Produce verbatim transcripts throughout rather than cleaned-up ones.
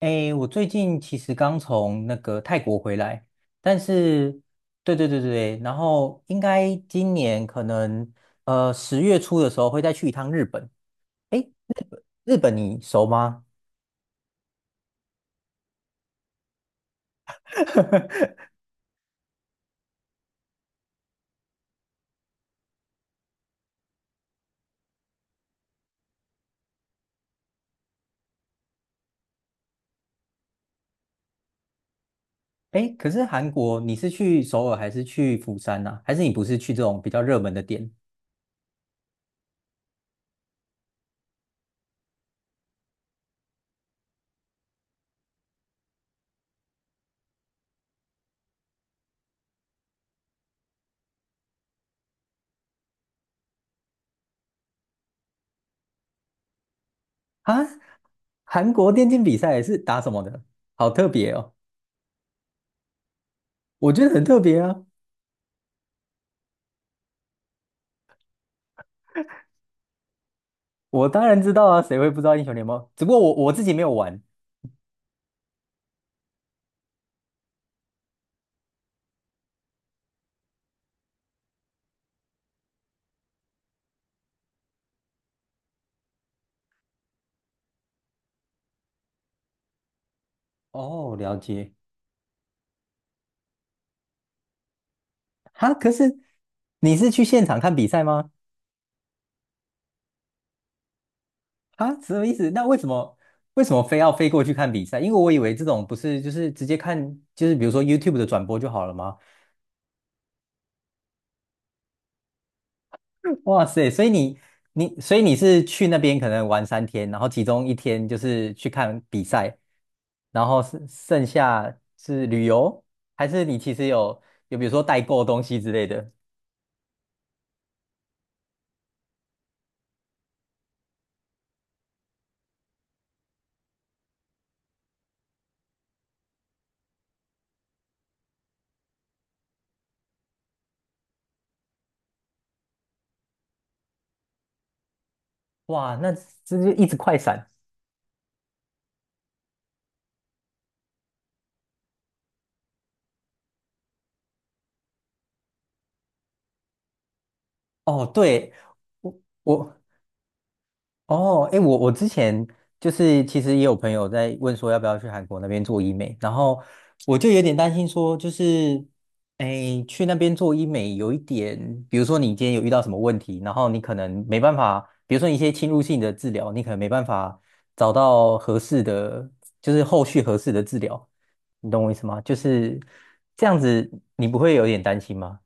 诶，我最近其实刚从那个泰国回来，但是，对对对对，然后应该今年可能呃十月初的时候会再去一趟日本。诶，日本你熟吗？诶，可是韩国你是去首尔还是去釜山呐、还是你不是去这种比较热门的店啊？韩国电竞比赛是打什么的？好特别哦，我觉得很特别啊。我当然知道啊，谁会不知道英雄联盟？只不过我我自己没有玩。哦，了解。哈，可是你是去现场看比赛吗？哈，什么意思？那为什么为什么非要飞过去看比赛？因为我以为这种不是就是直接看，就是比如说 YouTube 的转播就好了吗？哇塞，所以你你所以你是去那边可能玩三天，然后其中一天就是去看比赛，然后剩剩下是旅游，还是你其实有有比如说代购东西之类的？哇，那这就一直快闪。哦，对。我。哦，哎，我我之前就是其实也有朋友在问说要不要去韩国那边做医美，然后我就有点担心说，就是哎去那边做医美有一点，比如说你今天有遇到什么问题，然后你可能没办法，比如说一些侵入性的治疗，你可能没办法找到合适的，就是后续合适的治疗，你懂我意思吗？就是这样子，你不会有点担心吗？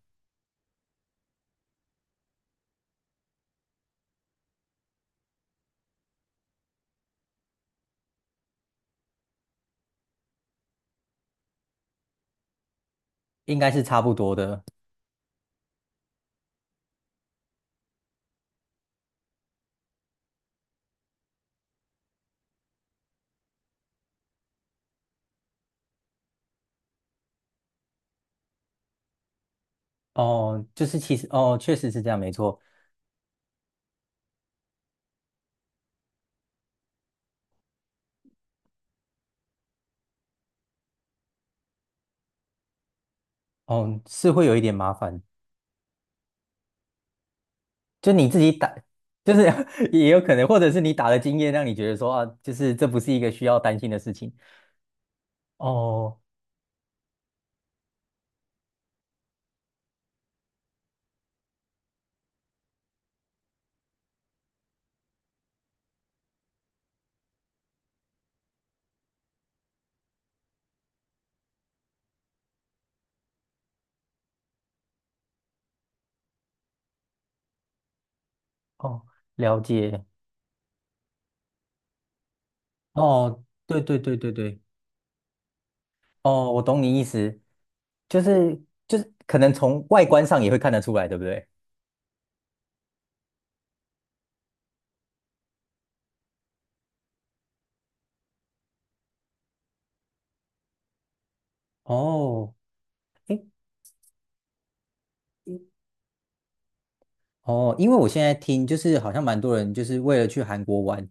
应该是差不多的。哦，就是其实哦，确实是这样，没错。哦，是会有一点麻烦，就你自己打，就是 也有可能，或者是你打的经验让你觉得说啊，就是这不是一个需要担心的事情。哦哦，了解。哦，对对对对对，哦，我懂你意思，就是就是可能从外观上也会看得出来，对不对？哦，诶哦，因为我现在听就是好像蛮多人就是为了去韩国玩，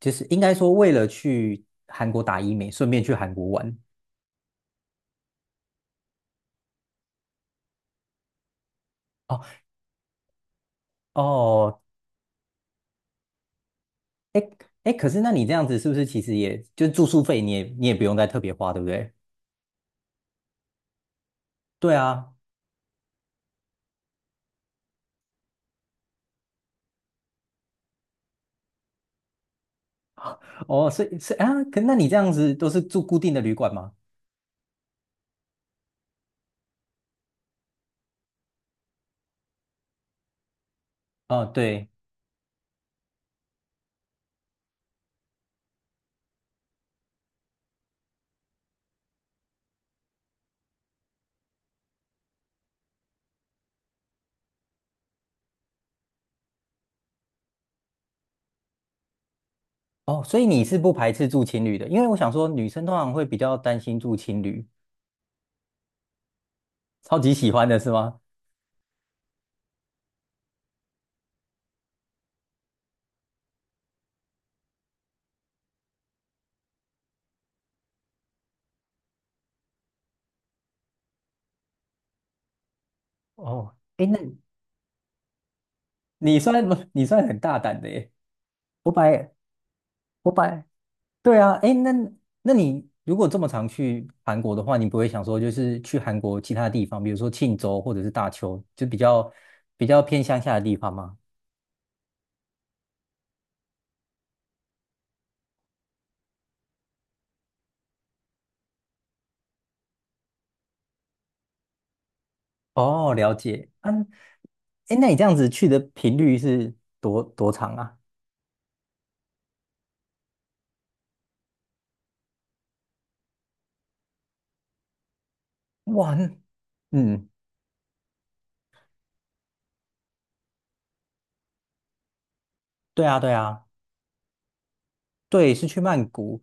就是应该说为了去韩国打医美，顺便去韩国玩。哦。哦，哎哎，可是那你这样子是不是其实也就住宿费你也你也不用再特别花，对不对？对啊，哦，所以是啊，可那你这样子都是住固定的旅馆吗？哦，对，哦，所以你是不排斥住情旅的，因为我想说女生通常会比较担心住情旅，超级喜欢的是吗？哦，哎，那你算你算很大胆的耶，我本来我本来对啊，哎，那那你如果这么常去韩国的话，你不会想说就是去韩国其他地方，比如说庆州或者是大邱，就比较比较偏乡下的地方吗？哦，了解。嗯，哎，那你这样子去的频率是多多长啊？哇，那嗯，对啊，对啊。对，是去曼谷，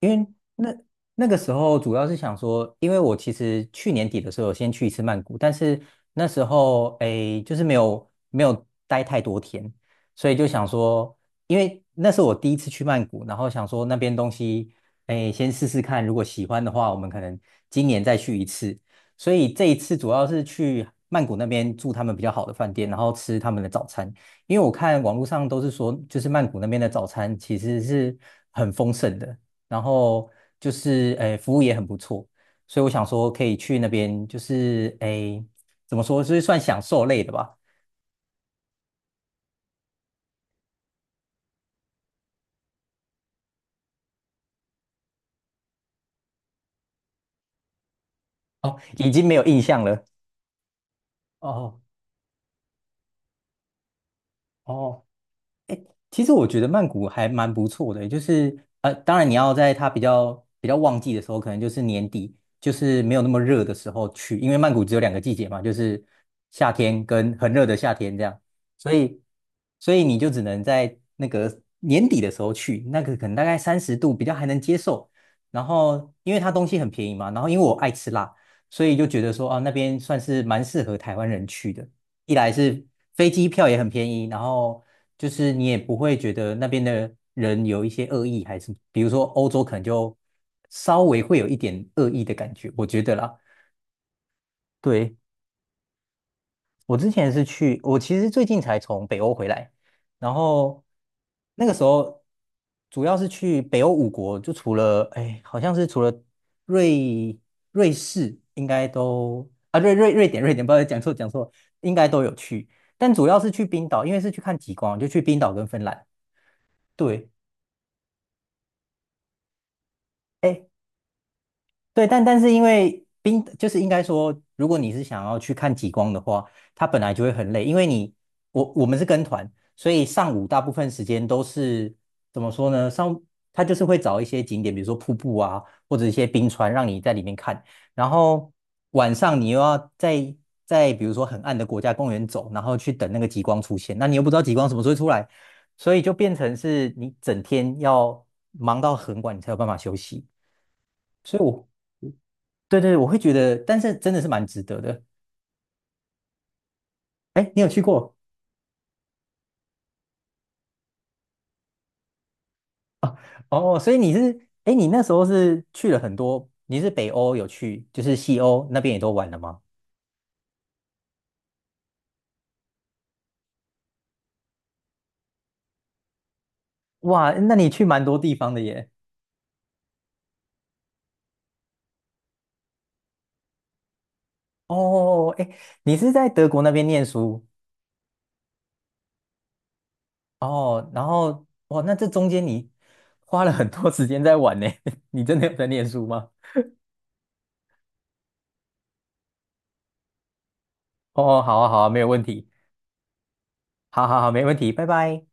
因为那那个时候主要是想说，因为我其实去年底的时候有先去一次曼谷，但是那时候诶，就是没有没有待太多天，所以就想说，因为那是我第一次去曼谷，然后想说那边东西诶，先试试看，如果喜欢的话，我们可能今年再去一次。所以这一次主要是去曼谷那边住他们比较好的饭店，然后吃他们的早餐。因为我看网络上都是说，就是曼谷那边的早餐其实是很丰盛的，然后就是诶服务也很不错，所以我想说可以去那边，就是诶怎么说，就是算享受类的吧。哦，已经没有印象了。哦哦，其实我觉得曼谷还蛮不错的，就是呃，当然你要在它比较比较旺季的时候，可能就是年底，就是没有那么热的时候去，因为曼谷只有两个季节嘛，就是夏天跟很热的夏天这样，所以所以你就只能在那个年底的时候去，那个可能大概三十度比较还能接受，然后因为它东西很便宜嘛，然后因为我爱吃辣，所以就觉得说啊那边算是蛮适合台湾人去的。一来是飞机票也很便宜，然后就是你也不会觉得那边的人有一些恶意，还是比如说欧洲可能就稍微会有一点恶意的感觉，我觉得啦。对，我之前是去，我其实最近才从北欧回来，然后那个时候主要是去北欧五国，就除了哎，好像是除了瑞瑞士，应该都啊瑞瑞瑞典瑞典，不好意思讲错讲错，应该都有去，但主要是去冰岛，因为是去看极光，就去冰岛跟芬兰。对，哎对，但但是因为冰就是应该说，如果你是想要去看极光的话，它本来就会很累，因为你我我们是跟团，所以上午大部分时间都是怎么说呢？上它就是会找一些景点，比如说瀑布啊，或者一些冰川，让你在里面看。然后晚上你又要在在比如说很暗的国家公园走，然后去等那个极光出现，那你又不知道极光什么时候会出来，所以就变成是你整天要忙到很晚，你才有办法休息。所以我，对对，我会觉得，但是真的是蛮值得的。哎，你有去过啊？哦，所以你是，哎，你那时候是去了很多，你是北欧有去，就是西欧那边也都玩了吗？哇，那你去蛮多地方的耶。哦，哎，你是在德国那边念书哦，然后哇，那这中间你花了很多时间在玩呢，你真的有在念书吗？哦，好啊，好啊，没有问题，好好好，没问题，拜拜。